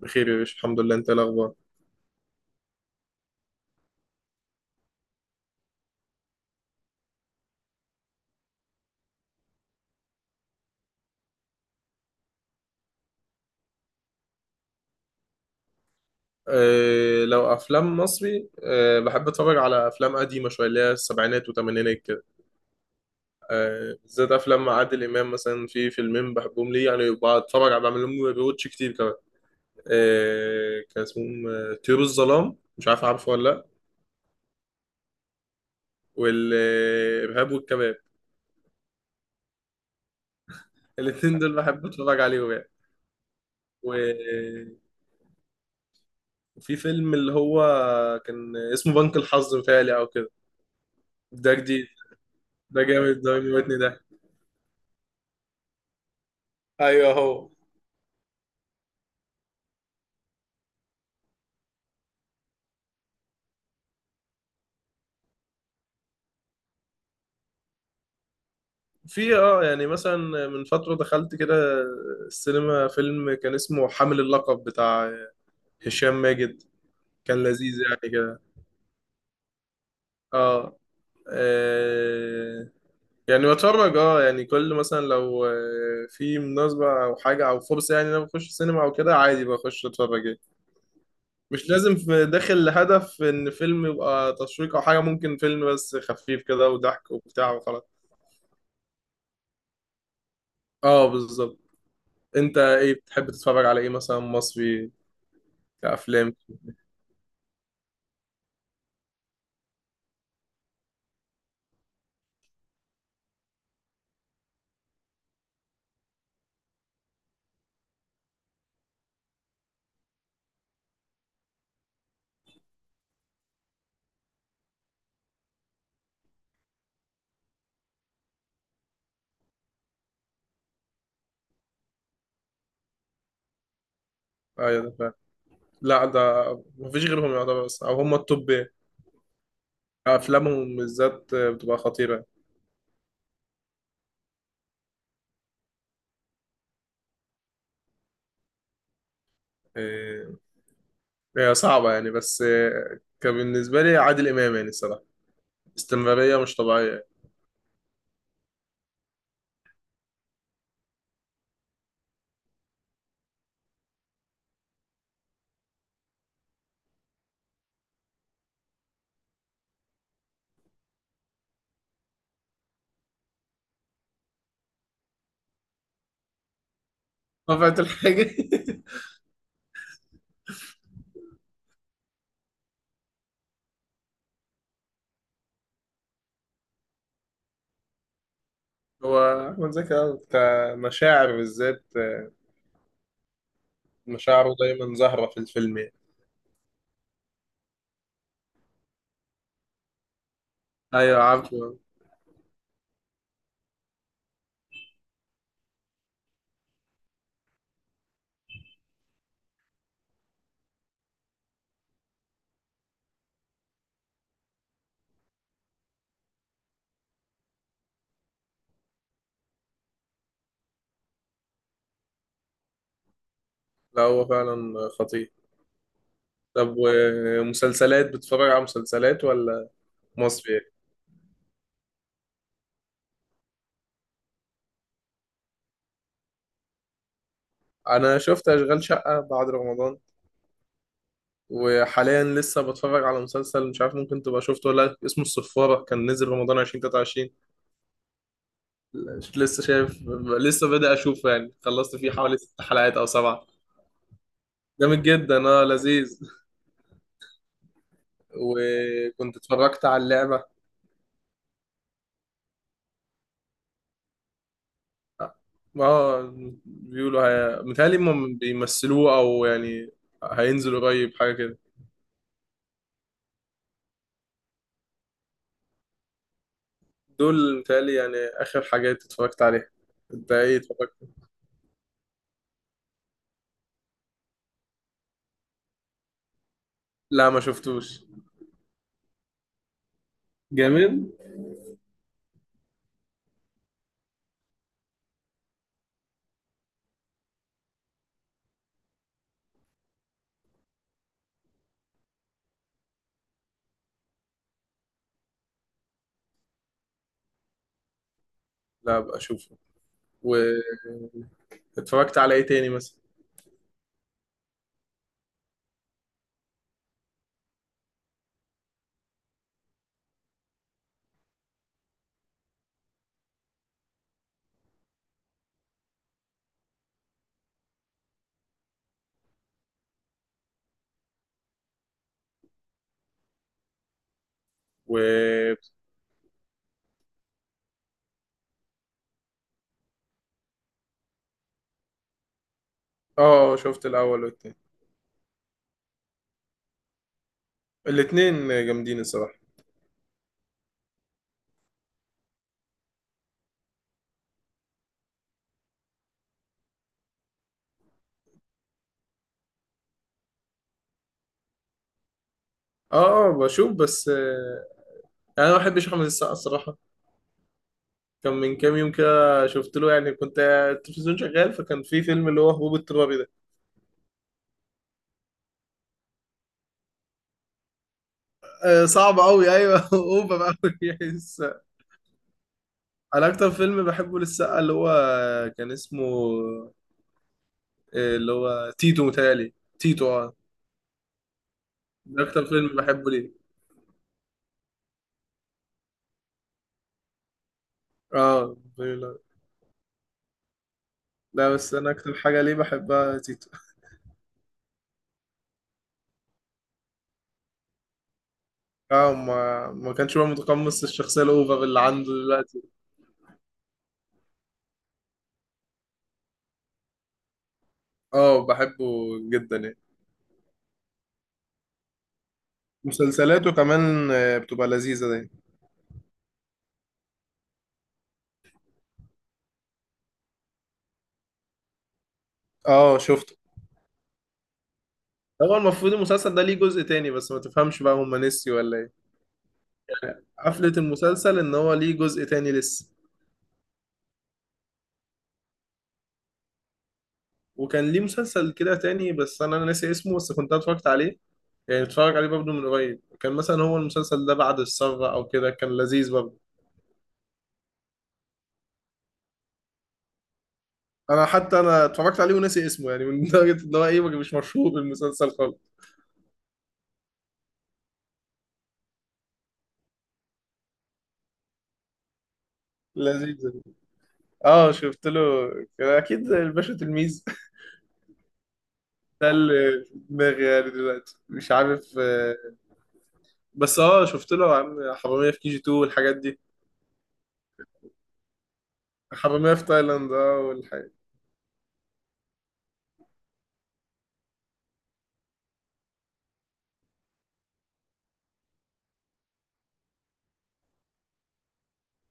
بخير يا باشا، الحمد لله. انت إيه الاخبار؟ أه، لو افلام مصري، بحب اتفرج على افلام قديمه شويه اللي هي السبعينات والثمانينات كده. أه، بالذات افلام عادل امام، مثلا في فيلمين بحبهم ليه، يعني بتفرج على بعمل لهم ريواتش كتير كمان. أه، كان اسمهم طيور الظلام. مش عارف، عارفه ولا لا؟ والارهاب والكباب. الاثنين دول بحب اتفرج عليهم يعني. و- وفي فيلم اللي هو كان اسمه بنك الحظ، متهيألي او كده. ده جديد. ده جامد، ده بيموتني ده. ايوه هو. في يعني مثلا، من فترة دخلت كده السينما فيلم كان اسمه حامل اللقب، بتاع هشام ماجد. كان لذيذ يعني كده. اه آه، يعني بتفرج، يعني كل مثلا لو في مناسبة او حاجة او فرصة، يعني إن انا بخش السينما او كده عادي، بخش اتفرج يعني. مش لازم داخل لهدف ان فيلم يبقى تشويق او حاجة، ممكن فيلم بس خفيف كده وضحك وبتاع وخلاص. اه، بالظبط. انت ايه بتحب تتفرج على ايه مثلا؟ مصري كأفلام؟ ايوه ده فعلا. لا ده مفيش غيرهم يعتبر، بس او هم التوب يعني. افلامهم بالذات بتبقى خطيره. إيه، هي صعبه يعني، بس كان بالنسبه لي عادل امام يعني الصراحه، استمراريه مش طبيعيه. رفعت الحاجه. هو احمد زكي كمشاعر بالذات، مشاعره دايما ظاهره في الفيلم يعني. ايوه عارفه. لا هو فعلا خطير. طب، ومسلسلات، بتتفرج على مسلسلات ولا؟ مصري يعني؟ انا شفت اشغال شقه بعد رمضان. وحاليا لسه بتفرج على مسلسل، مش عارف ممكن تبقى شفته ولا لأ، اسمه الصفارة، كان نزل رمضان 2023. لسه شايف، لسه بدأ أشوفه يعني، خلصت فيه حوالي 6 حلقات أو 7. جامد جدا، اه، لذيذ. وكنت اتفرجت على اللعبة. اه، بيقولوا. هي، متهيألي هم بيمثلوه أو يعني هينزل قريب حاجة كده. دول متهيألي يعني آخر حاجات اتفرجت عليها. انت ايه اتفرجت؟ لا، ما شفتوش. جامد. لا بقى اشوفه. اتفرجت على ايه تاني مثلا؟ و اه، شفت الاول والتاني. الاتنين جامدين الصراحه. اه اه، بشوف بس. يعني انا ما بحبش احمد السقا الصراحه. كان من كام يوم كده شفت له، يعني كنت التلفزيون شغال، فكان في فيلم اللي هو هبوب اضطراري ده. صعب قوي، ايوه. اوفر قوي يعني السقا. انا اكتر فيلم بحبه للسقا اللي هو كان اسمه اللي هو تيتو، متهيألي تيتو اه. ده اكتر فيلم بحبه ليه. اه، لا. لا، بس انا اكتر حاجه ليه بحبها تيتو. اه، ما كانش بقى متقمص الشخصية الأوفر اللي عنده دلوقتي. اه، بحبه جدا يعني. مسلسلاته كمان بتبقى لذيذة دي. اه شفته. هو المفروض المسلسل ده ليه جزء تاني، بس ما تفهمش بقى، هما نسيوا ولا ايه؟ قفلة المسلسل ان هو ليه جزء تاني لسه. وكان ليه مسلسل كده تاني، بس انا ناسي اسمه، بس كنت اتفرجت عليه. يعني اتفرج عليه برضه من قريب، كان مثلا هو المسلسل ده بعد الثورة او كده، كان لذيذ برضه. انا حتى انا اتفرجت عليه وناسي اسمه، يعني من درجة ان هو ايه مش مشهور المسلسل خالص. لذيذ. اه شفت له. كان اكيد زي الباشا تلميذ. ده اللي في دماغي يعني دلوقتي، مش عارف. بس اه شفت له يا عم حرامية في كي جي 2 والحاجات دي. حرامية في تايلاند، اه، والحاجات.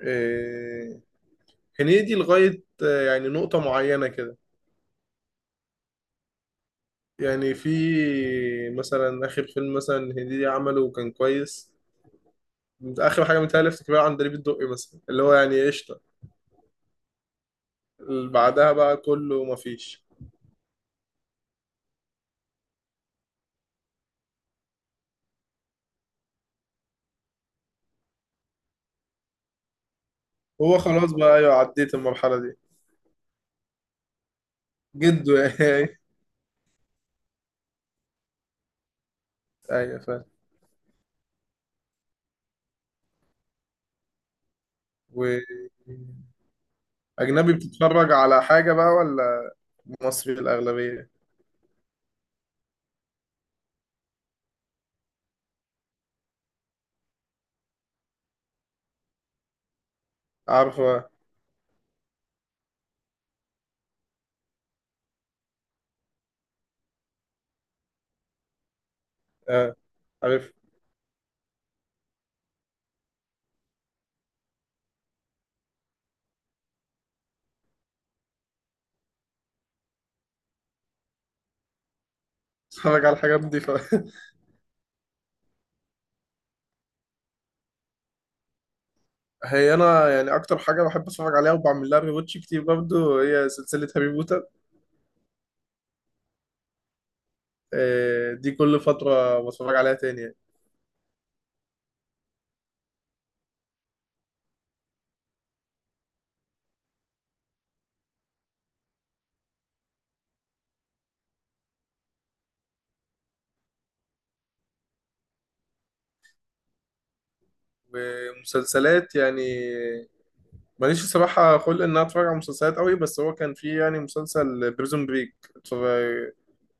آه، هنيدي لغاية يعني نقطة معينة كده. يعني في مثلا آخر فيلم مثلا هنيدي عمله، وكان كويس. آخر حاجة متهيألي افتكرها عندليب الدقي مثلا، اللي هو يعني قشطة. اللي بعدها بقى كله مفيش. هو خلاص بقى، أيوة عديت المرحلة دي. جده يعني. ايوه فاهم. واجنبي بتتفرج على حاجه بقى ولا مصري الاغلبيه؟ عارفه. اه، عارف. بتتفرج على الحاجات دي ف هي انا يعني اكتر حاجه بحب اتفرج عليها وبعمل لها ريواتش كتير برضو، هي سلسله هاري بوتر. دي كل فتره بتفرج عليها تاني يعني. ومسلسلات يعني، ماليش الصراحه خلق ان انا اتفرج على مسلسلات قوي، بس هو كان في يعني مسلسل بريزون بريك.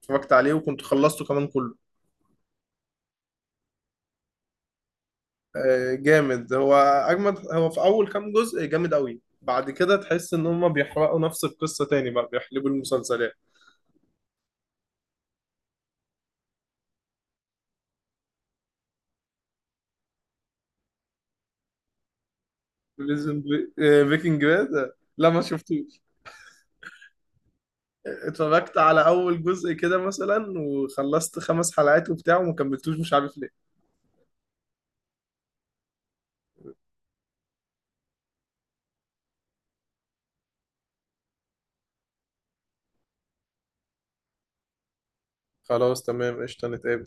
اتفرجت عليه وكنت خلصته كمان كله. جامد، هو اجمد هو في اول كام جزء جامد قوي، بعد كده تحس ان هم بيحرقوا نفس القصه تاني بقى، بيحلبوا المسلسلات. بريزن بري- آه، بريكنج باد. لا ما شفتوش. اتفرجت على اول جزء كده مثلا، وخلصت 5 حلقات وبتاع، وما كملتوش مش عارف ليه. خلاص تمام، قشطه نتقابل.